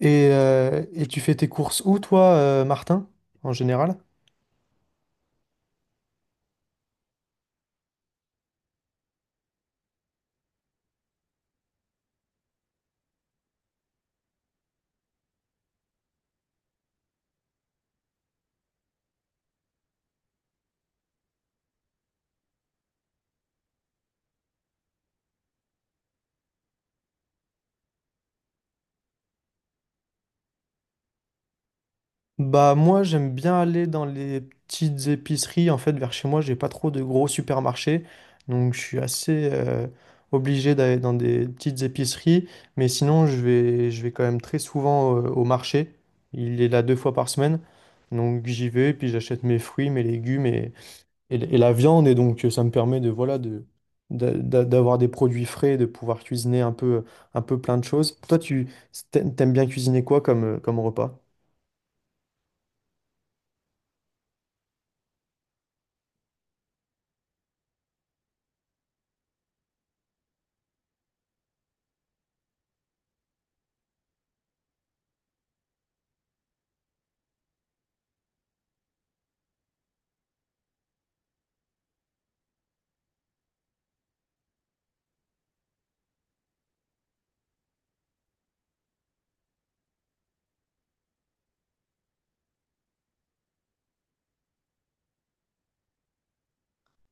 Et tu fais tes courses où, toi, Martin, en général? Bah moi, j'aime bien aller dans les petites épiceries. En fait, vers chez moi, j'ai pas trop de gros supermarchés, donc je suis assez obligé d'aller dans des petites épiceries. Mais sinon, je vais quand même très souvent au marché. Il est là deux fois par semaine, donc j'y vais puis j'achète mes fruits, mes légumes, et la viande, et donc ça me permet de, voilà, d'avoir des produits frais, de pouvoir cuisiner un peu plein de choses. Toi, t'aimes bien cuisiner quoi comme, comme repas?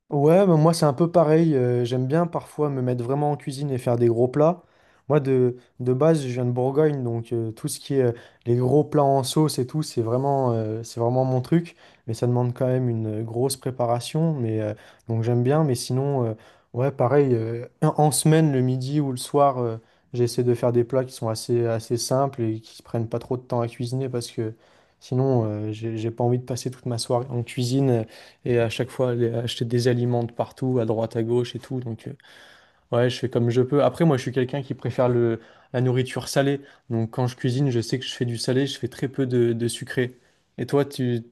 Ouais, mais moi c'est un peu pareil. J'aime bien parfois me mettre vraiment en cuisine et faire des gros plats. Moi de base, je viens de Bourgogne, donc tout ce qui est les gros plats en sauce et tout, c'est vraiment mon truc. Mais ça demande quand même une grosse préparation. Donc j'aime bien. Mais sinon, ouais, pareil. En semaine, le midi ou le soir, j'essaie de faire des plats qui sont assez simples et qui prennent pas trop de temps à cuisiner parce que sinon, j'ai pas envie de passer toute ma soirée en cuisine. Et à chaque fois, aller acheter des aliments de partout, à droite, à gauche et tout. Donc, ouais, je fais comme je peux. Après, moi, je suis quelqu'un qui préfère la nourriture salée. Donc, quand je cuisine, je sais que je fais du salé, je fais très peu de sucré. Et toi, tu...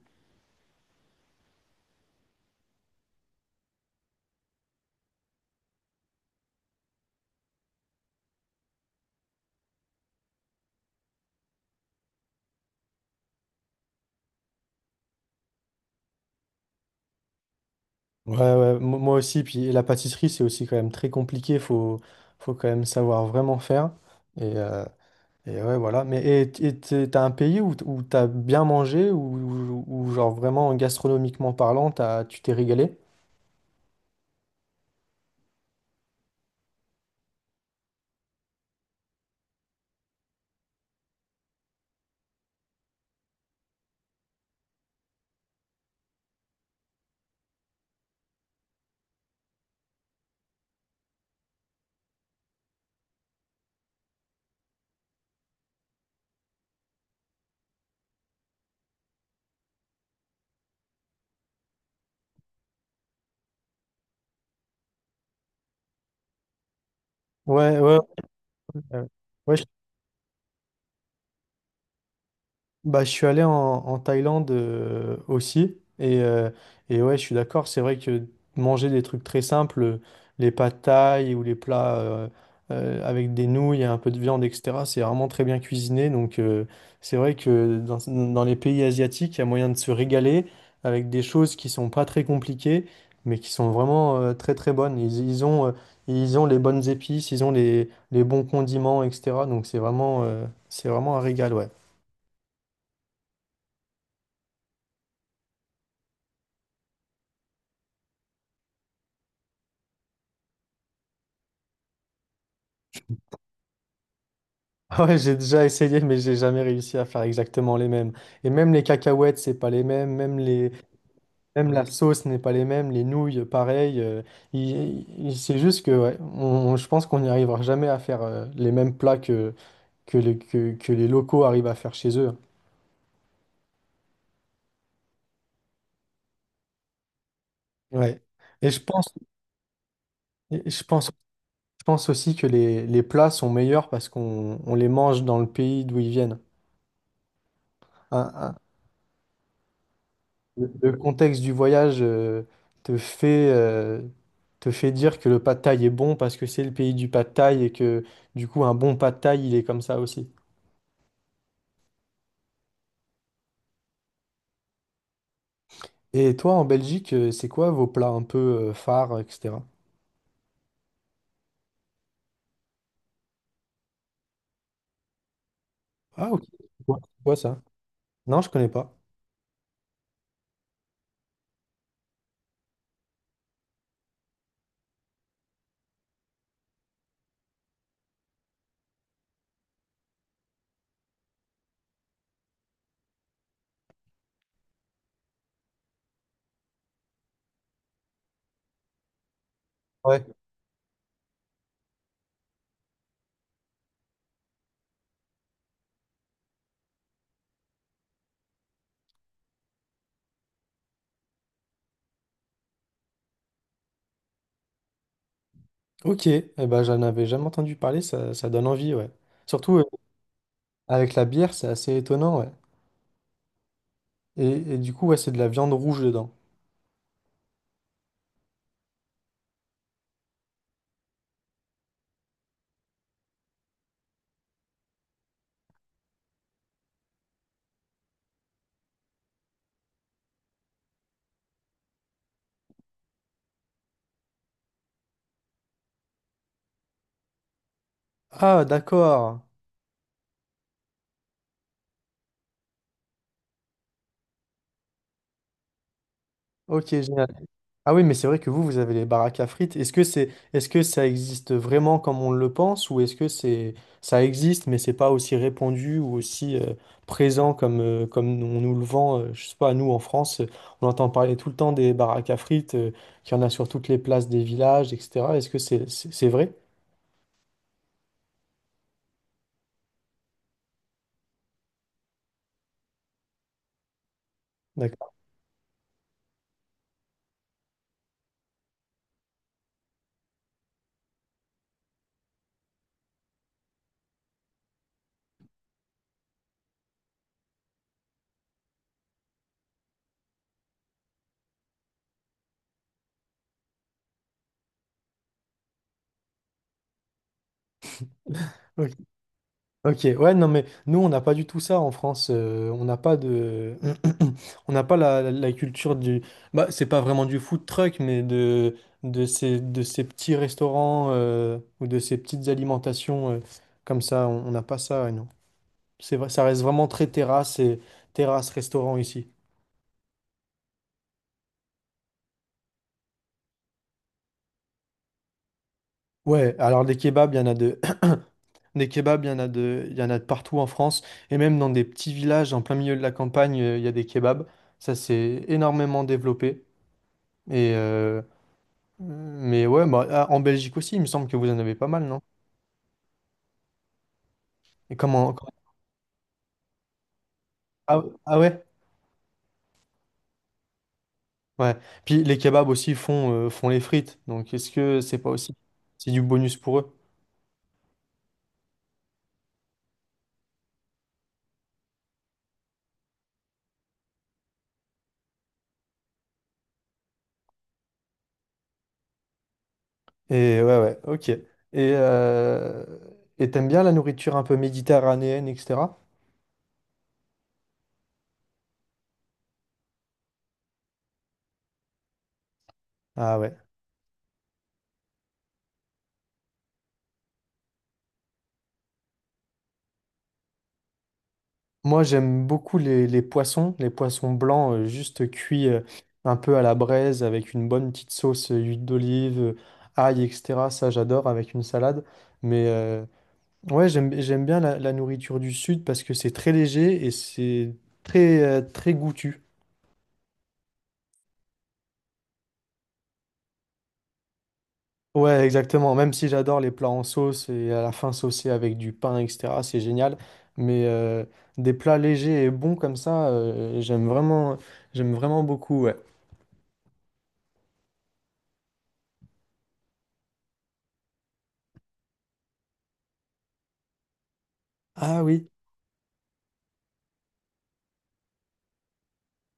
Ouais, ouais, moi aussi. Puis la pâtisserie, c'est aussi quand même très compliqué. Faut quand même savoir vraiment faire. Et, euh, et ouais, voilà. Et t'as un pays où t'as bien mangé, ou genre vraiment gastronomiquement parlant, tu t'es régalé? Ouais, ouais. Ouais. Ouais, bah, je suis allé en Thaïlande aussi. Et ouais, je suis d'accord. C'est vrai que manger des trucs très simples, les pâtes thaï ou les plats avec des nouilles et un peu de viande, etc., c'est vraiment très bien cuisiné. Donc, c'est vrai que dans les pays asiatiques, il y a moyen de se régaler avec des choses qui sont pas très compliquées, mais qui sont vraiment très très bonnes. Ils ont, ils ont les bonnes épices, ils ont les bons condiments, etc. Donc, c'est vraiment un régal, ouais. Ah ouais, j'ai déjà essayé, mais j'ai jamais réussi à faire exactement les mêmes. Et même les cacahuètes, c'est pas les mêmes. Même la sauce n'est pas les mêmes. Les nouilles, pareil. C'est juste que, ouais, je pense qu'on n'y arrivera jamais à faire les mêmes plats que les locaux arrivent à faire chez eux. Ouais. Et je pense, et je pense, je pense aussi que les plats sont meilleurs parce qu'on les mange dans le pays d'où ils viennent. Le contexte du voyage te fait, euh, te fait dire que le pad thaï est bon parce que c'est le pays du pad thaï et que du coup un bon pad thaï il est comme ça aussi. Et toi en Belgique, c'est quoi vos plats un peu phares, etc.? Ah ok, c'est quoi ça? Non, je connais pas. Ouais. Ok, eh ben, j'en avais jamais entendu parler, ça donne envie, ouais. Surtout avec la bière, c'est assez étonnant, ouais. Et, et du coup, ouais, c'est de la viande rouge dedans. Ah d'accord, ok, génial. Ah oui, mais c'est vrai que vous avez les baraques à frites. Est-ce que ça existe vraiment comme on le pense, ou est-ce ça existe, mais c'est pas aussi répandu ou aussi présent comme, comme on nous le vend, je sais pas, nous en France, on entend parler tout le temps des baraques à frites, qu'il y en a sur toutes les places des villages, etc. Est-ce que c'est vrai? D'accord. Ok. Ok, ouais, non, mais nous, on n'a pas du tout ça en France. On n'a pas de. On n'a pas la culture du. Bah, c'est pas vraiment du food truck, mais de ces petits restaurants ou de ces petites alimentations comme ça. On n'a pas ça, ouais, non. C'est vrai, ça reste vraiment très terrasse et terrasse-restaurant ici. Ouais, alors des kebabs, il y en a de. Des kebabs, il y en a de partout en France. Et même dans des petits villages en plein milieu de la campagne, il y a des kebabs. Ça s'est énormément développé. Et euh, mais ouais, bah, ah, en Belgique aussi, il me semble que vous en avez pas mal, non? Et comment- Ah, ah ouais? Ouais. Puis les kebabs aussi font, font les frites. Donc est-ce que c'est pas aussi c'est du bonus pour eux? Et ouais, ouais, ok. Euh, et t'aimes bien la nourriture un peu méditerranéenne, etc.? Ah ouais. Moi, j'aime beaucoup les poissons blancs juste cuits un peu à la braise avec une bonne petite sauce huile d'olive, ail, etc. Ça, j'adore avec une salade. Mais, euh, Ouais, j'aime bien la nourriture du sud parce que c'est très léger et c'est très goûtu. Ouais, exactement. Même si j'adore les plats en sauce et à la fin saucés avec du pain, etc., c'est génial. Mais euh, des plats légers et bons comme ça, j'aime vraiment beaucoup. Ouais. Ah oui,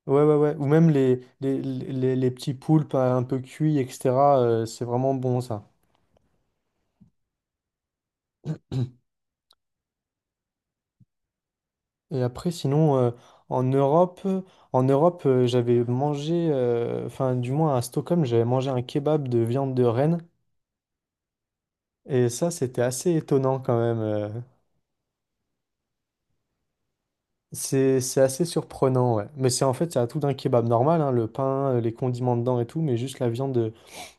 ouais, ouais, ouais. Ou même les petits poulpes un peu cuits, etc., c'est vraiment bon ça. Et après, sinon, en Europe, euh, en Europe, j'avais mangé, enfin, du moins à Stockholm, j'avais mangé un kebab de viande de renne. Et ça, c'était assez étonnant quand même. C'est assez surprenant, ouais. Mais c'est en fait, c'est à tout d'un kebab normal, hein, le pain, les condiments dedans et tout, mais juste la viande,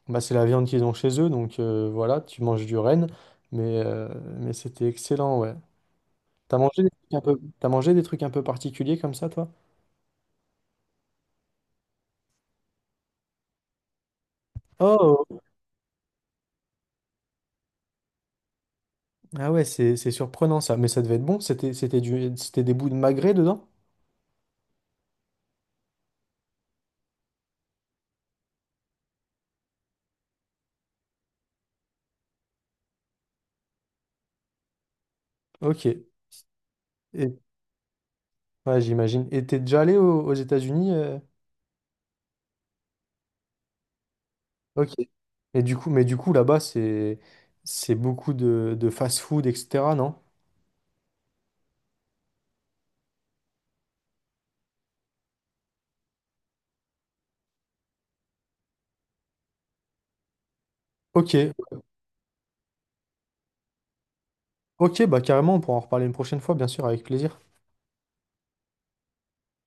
bah, c'est la viande qu'ils ont chez eux, donc voilà, tu manges du renne. Mais, euh, mais c'était excellent, ouais. T'as mangé des trucs un peu particuliers comme ça, toi? Oh! Ah ouais, c'est surprenant ça, mais ça devait être bon. C'était des bouts de magret dedans? Ok. Et, ouais, j'imagine. Et t'es déjà allé aux États-Unis? Ok. Et du coup, là-bas c'est beaucoup de fast-food, etc., non? Ok. Ok, bah carrément, on pourra en reparler une prochaine fois, bien sûr, avec plaisir.